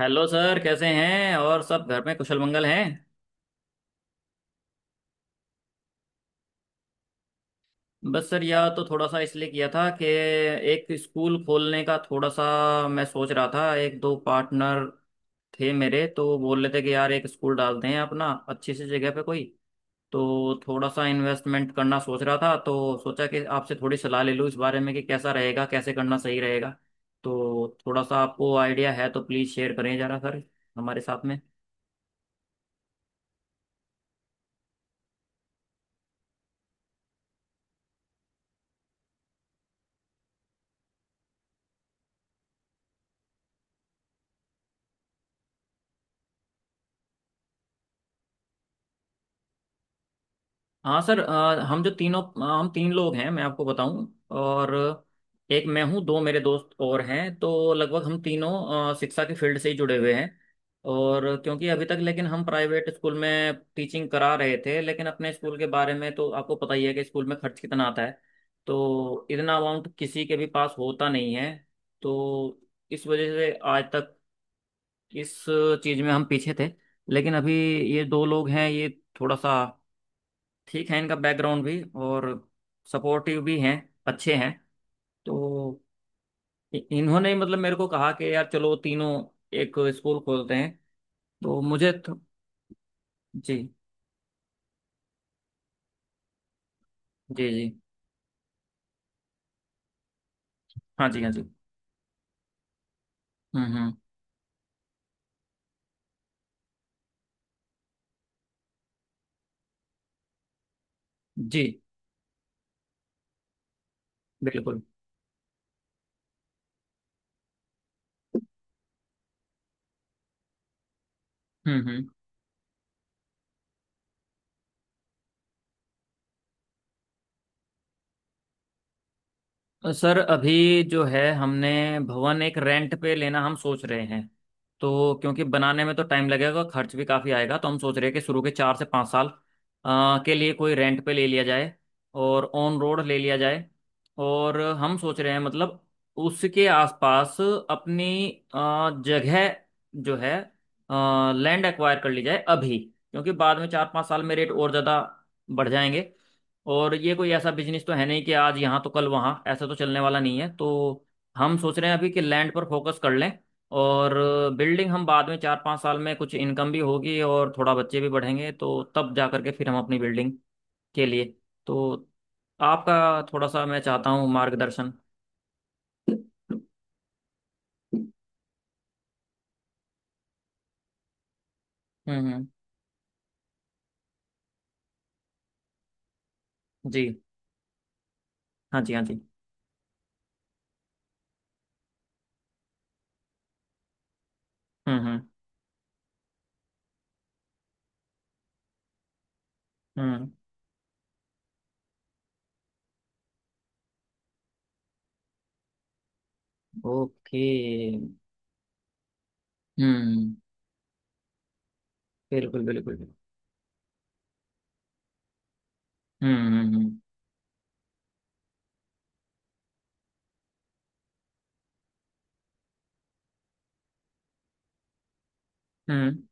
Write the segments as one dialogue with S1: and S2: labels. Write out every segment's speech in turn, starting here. S1: Hello sir, कैसे हैं। और सब घर में कुशल मंगल हैं। बस सर, यह तो थोड़ा सा इसलिए किया था कि एक स्कूल खोलने का, थोड़ा सा मैं सोच रहा था। एक दो पार्टनर थे मेरे, तो वो बोल रहे थे कि यार एक स्कूल डालते हैं अपना, अच्छी सी जगह पे कोई। तो थोड़ा सा इन्वेस्टमेंट करना सोच रहा था, तो सोचा कि आपसे थोड़ी सलाह ले लूँ इस बारे में कि कैसा रहेगा, कैसे करना सही रहेगा। तो थोड़ा सा आपको आइडिया है तो प्लीज़ शेयर करें जरा सर, हमारे साथ में। हाँ सर, हम तीन लोग हैं, मैं आपको बताऊं। और एक मैं हूँ, दो मेरे दोस्त और हैं, तो लगभग हम तीनों शिक्षा के फील्ड से ही जुड़े हुए हैं। और क्योंकि अभी तक लेकिन हम प्राइवेट स्कूल में टीचिंग करा रहे थे, लेकिन अपने स्कूल के बारे में तो आपको पता ही है कि स्कूल में खर्च कितना आता है। तो इतना अमाउंट किसी के भी पास होता नहीं है। तो इस वजह से आज तक इस चीज़ में हम पीछे थे। लेकिन अभी ये दो लोग हैं, ये थोड़ा सा ठीक है, इनका बैकग्राउंड भी, और सपोर्टिव भी हैं, अच्छे हैं। तो इन्होंने मतलब मेरे को कहा कि यार चलो तीनों एक स्कूल खोलते हैं। तो मुझे तो, जी जी जी। हाँ जी, हाँ जी। हम्म। जी, बिल्कुल। हम्म। सर, अभी जो है हमने भवन एक रेंट पे लेना हम सोच रहे हैं। तो क्योंकि बनाने में तो टाइम लगेगा, खर्च भी काफ़ी आएगा, तो हम सोच रहे हैं कि शुरू के 4 से 5 साल के लिए कोई रेंट पे ले लिया जाए, और ऑन रोड ले लिया जाए। और हम सोच रहे हैं मतलब उसके आसपास अपनी जगह जो है लैंड एक्वायर कर ली जाए अभी। क्योंकि बाद में 4 5 साल में रेट और ज़्यादा बढ़ जाएंगे। और ये कोई ऐसा बिजनेस तो है नहीं कि आज यहाँ तो कल वहाँ, ऐसा तो चलने वाला नहीं है। तो हम सोच रहे हैं अभी कि लैंड पर फोकस कर लें। और बिल्डिंग हम बाद में 4 5 साल में कुछ इनकम भी होगी और थोड़ा बच्चे भी बढ़ेंगे तो तब जा करके फिर हम अपनी बिल्डिंग के लिए। तो आपका थोड़ा सा मैं चाहता हूँ मार्गदर्शन। हम्म हम्म। जी। हाँ जी, हाँ जी। हम्म हम्म हम्म। ओके। हम्म। बिल्कुल बिल्कुल। हम्म हम्म हम्म हम्म।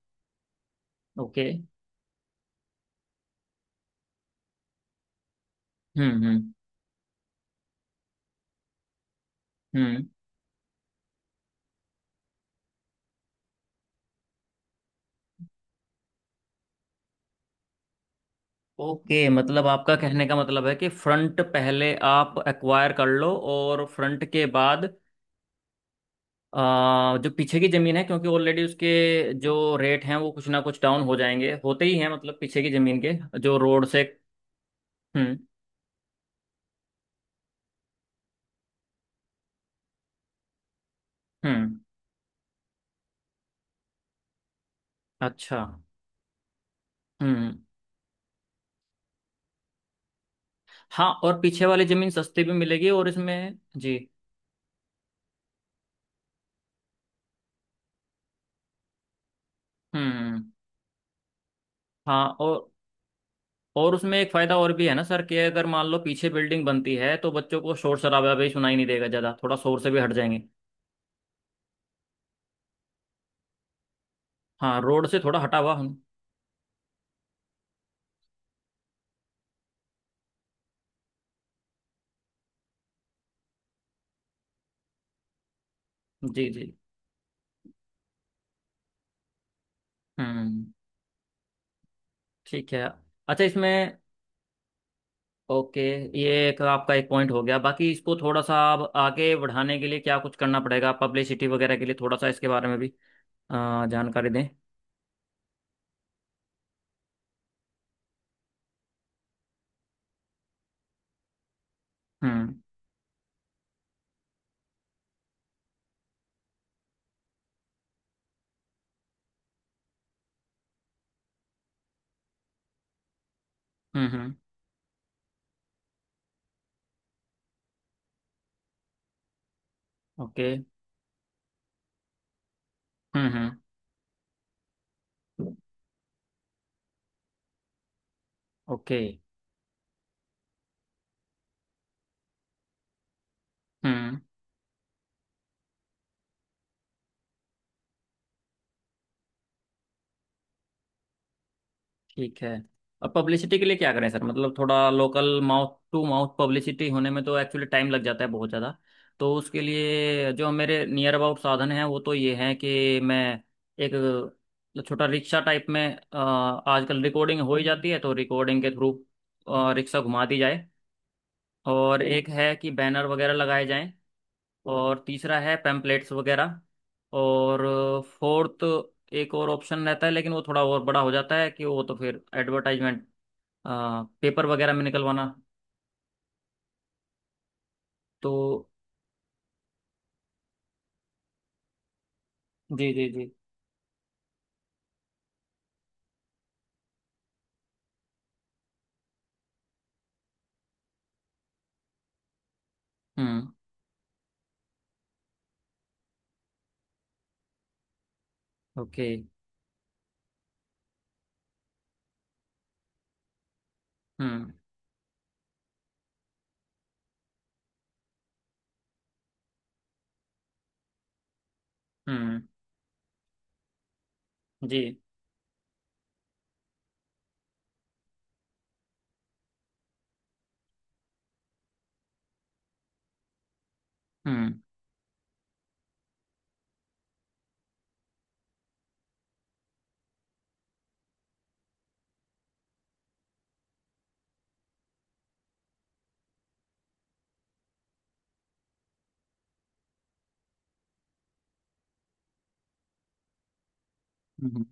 S1: ओके। हम्म हम्म हम्म। ओके, मतलब आपका कहने का मतलब है कि फ्रंट पहले आप एक्वायर कर लो, और फ्रंट के बाद जो पीछे की जमीन है, क्योंकि ऑलरेडी उसके जो रेट हैं वो कुछ ना कुछ डाउन हो जाएंगे, होते ही हैं मतलब पीछे की जमीन के, जो रोड से। हम्म हम्म। अच्छा। हम्म। हाँ, और पीछे वाली जमीन सस्ती भी मिलेगी और इसमें जी। हम्म। हाँ, और उसमें एक फायदा और भी है ना सर कि अगर मान लो पीछे बिल्डिंग बनती है, तो बच्चों को शोर शराबा भी सुनाई नहीं देगा ज्यादा, थोड़ा शोर से भी हट जाएंगे। हाँ, रोड से थोड़ा हटा हुआ हम। जी जी। हम्म। ठीक है। अच्छा, इसमें। ओके। ये एक आपका एक पॉइंट हो गया। बाकी इसको थोड़ा सा आप आगे बढ़ाने के लिए क्या कुछ करना पड़ेगा, पब्लिसिटी वगैरह के लिए थोड़ा सा इसके बारे में भी जानकारी दें। हम्म हम्म। ओके। हम्म हम्म। ओके। हम्म। ठीक है। और पब्लिसिटी के लिए क्या करें सर, मतलब थोड़ा local mouth to mouth publicity होने में तो एक्चुअली टाइम लग जाता है बहुत ज़्यादा। तो उसके लिए जो मेरे नियर अबाउट साधन हैं वो तो ये हैं कि मैं एक छोटा रिक्शा टाइप में, आजकल रिकॉर्डिंग हो ही जाती है, तो रिकॉर्डिंग के थ्रू रिक्शा घुमा दी जाए। और एक है कि बैनर वगैरह लगाए जाएं। और तीसरा है पैम्पलेट्स वगैरह। और फोर्थ एक और ऑप्शन रहता है, लेकिन वो थोड़ा और बड़ा हो जाता है कि वो तो फिर एडवर्टाइजमेंट पेपर वगैरह में निकलवाना। तो जी जी जी। हम्म। ओके। हम्म हम्म। जी। हम्म हम्म।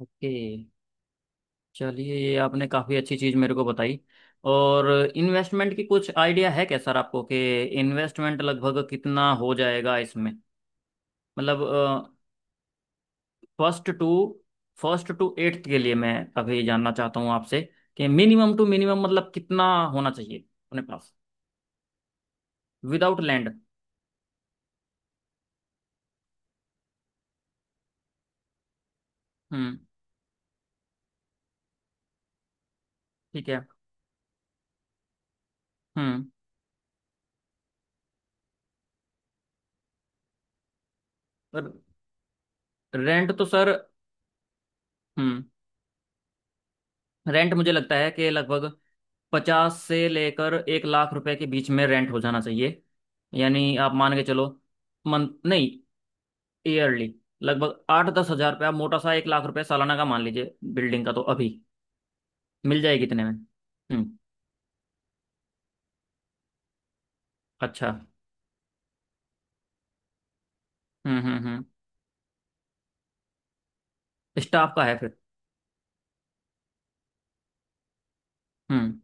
S1: ओके। चलिए, ये आपने काफ़ी अच्छी चीज़ मेरे को बताई। और इन्वेस्टमेंट की कुछ आइडिया है क्या सर आपको कि इन्वेस्टमेंट लगभग कितना हो जाएगा इसमें, मतलब first to first to eighth के लिए मैं अभी जानना चाहता हूँ आपसे कि मिनिमम टू मिनिमम मतलब कितना होना चाहिए अपने पास, विदाउट लैंड। हम्म। ठीक है। हम्म। पर रेंट तो सर। हम्म। रेंट मुझे लगता है कि लगभग 50 से लेकर 1 लाख रुपए के बीच में रेंट हो जाना चाहिए। यानी आप मान के चलो, मंथ नहीं, ईयरली लगभग 8 10 हज़ार रुपये, आप मोटा सा 1 लाख रुपए सालाना का मान लीजिए बिल्डिंग का, तो अभी मिल जाएगी इतने में। हम्म। अच्छा। हम्म। स्टाफ का है फिर? हम्म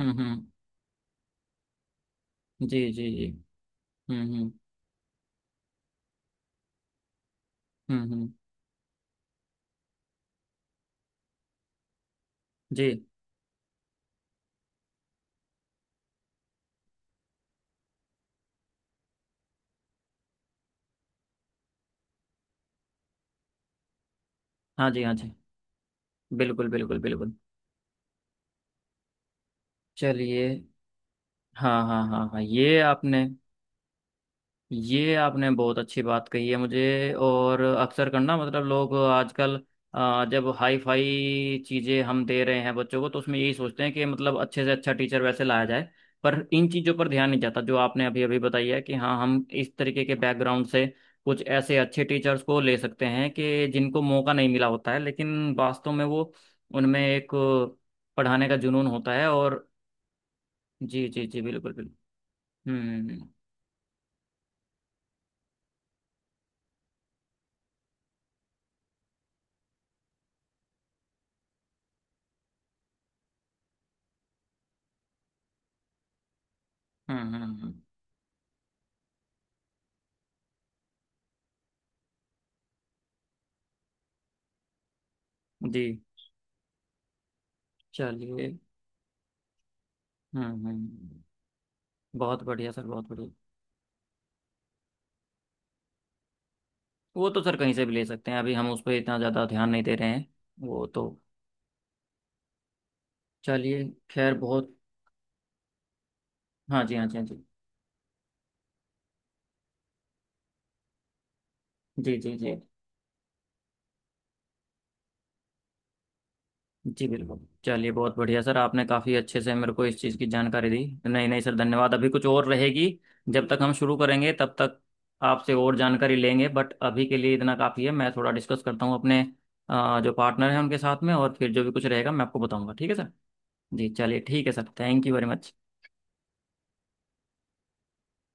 S1: हम्म। जी जी जी। हम्म हम्म हम्म। जी। हाँ जी, हाँ जी। बिल्कुल बिल्कुल बिल्कुल। चलिए। हाँ हाँ हाँ हाँ। ये आपने बहुत अच्छी बात कही है मुझे। और अक्सर करना मतलब लोग आजकल, जब हाई फाई चीज़ें हम दे रहे हैं बच्चों को तो उसमें यही सोचते हैं कि मतलब अच्छे से अच्छा टीचर वैसे लाया जाए। पर इन चीज़ों पर ध्यान नहीं जाता जो आपने अभी अभी बताई है कि हाँ, हम इस तरीके के बैकग्राउंड से कुछ ऐसे अच्छे टीचर्स को ले सकते हैं कि जिनको मौका नहीं मिला होता है, लेकिन वास्तव में वो उनमें एक पढ़ाने का जुनून होता है, और जी जी जी। बिल्कुल बिल्कुल। हम्म हम्म हम्म। हम्म हम्म हम्म। जी चलिए। हम्म। बहुत बढ़िया सर, बहुत बढ़िया। वो तो सर कहीं से भी ले सकते हैं, अभी हम उस पर इतना ज़्यादा ध्यान नहीं दे रहे हैं। वो तो चलिए। खैर बहुत। हाँ जी, हाँ जी, हाँ जी। जी जी जी। जी बिल्कुल। चलिए बहुत बढ़िया सर, आपने काफ़ी अच्छे से मेरे को इस चीज़ की जानकारी दी। नहीं नहीं सर, धन्यवाद। अभी कुछ और रहेगी। जब तक हम शुरू करेंगे तब तक आपसे और जानकारी लेंगे, बट अभी के लिए इतना काफ़ी है। मैं थोड़ा डिस्कस करता हूँ अपने जो पार्टनर है उनके साथ में, और फिर जो भी कुछ रहेगा मैं आपको बताऊंगा। ठीक है सर। जी चलिए, ठीक है sir, thank you very much.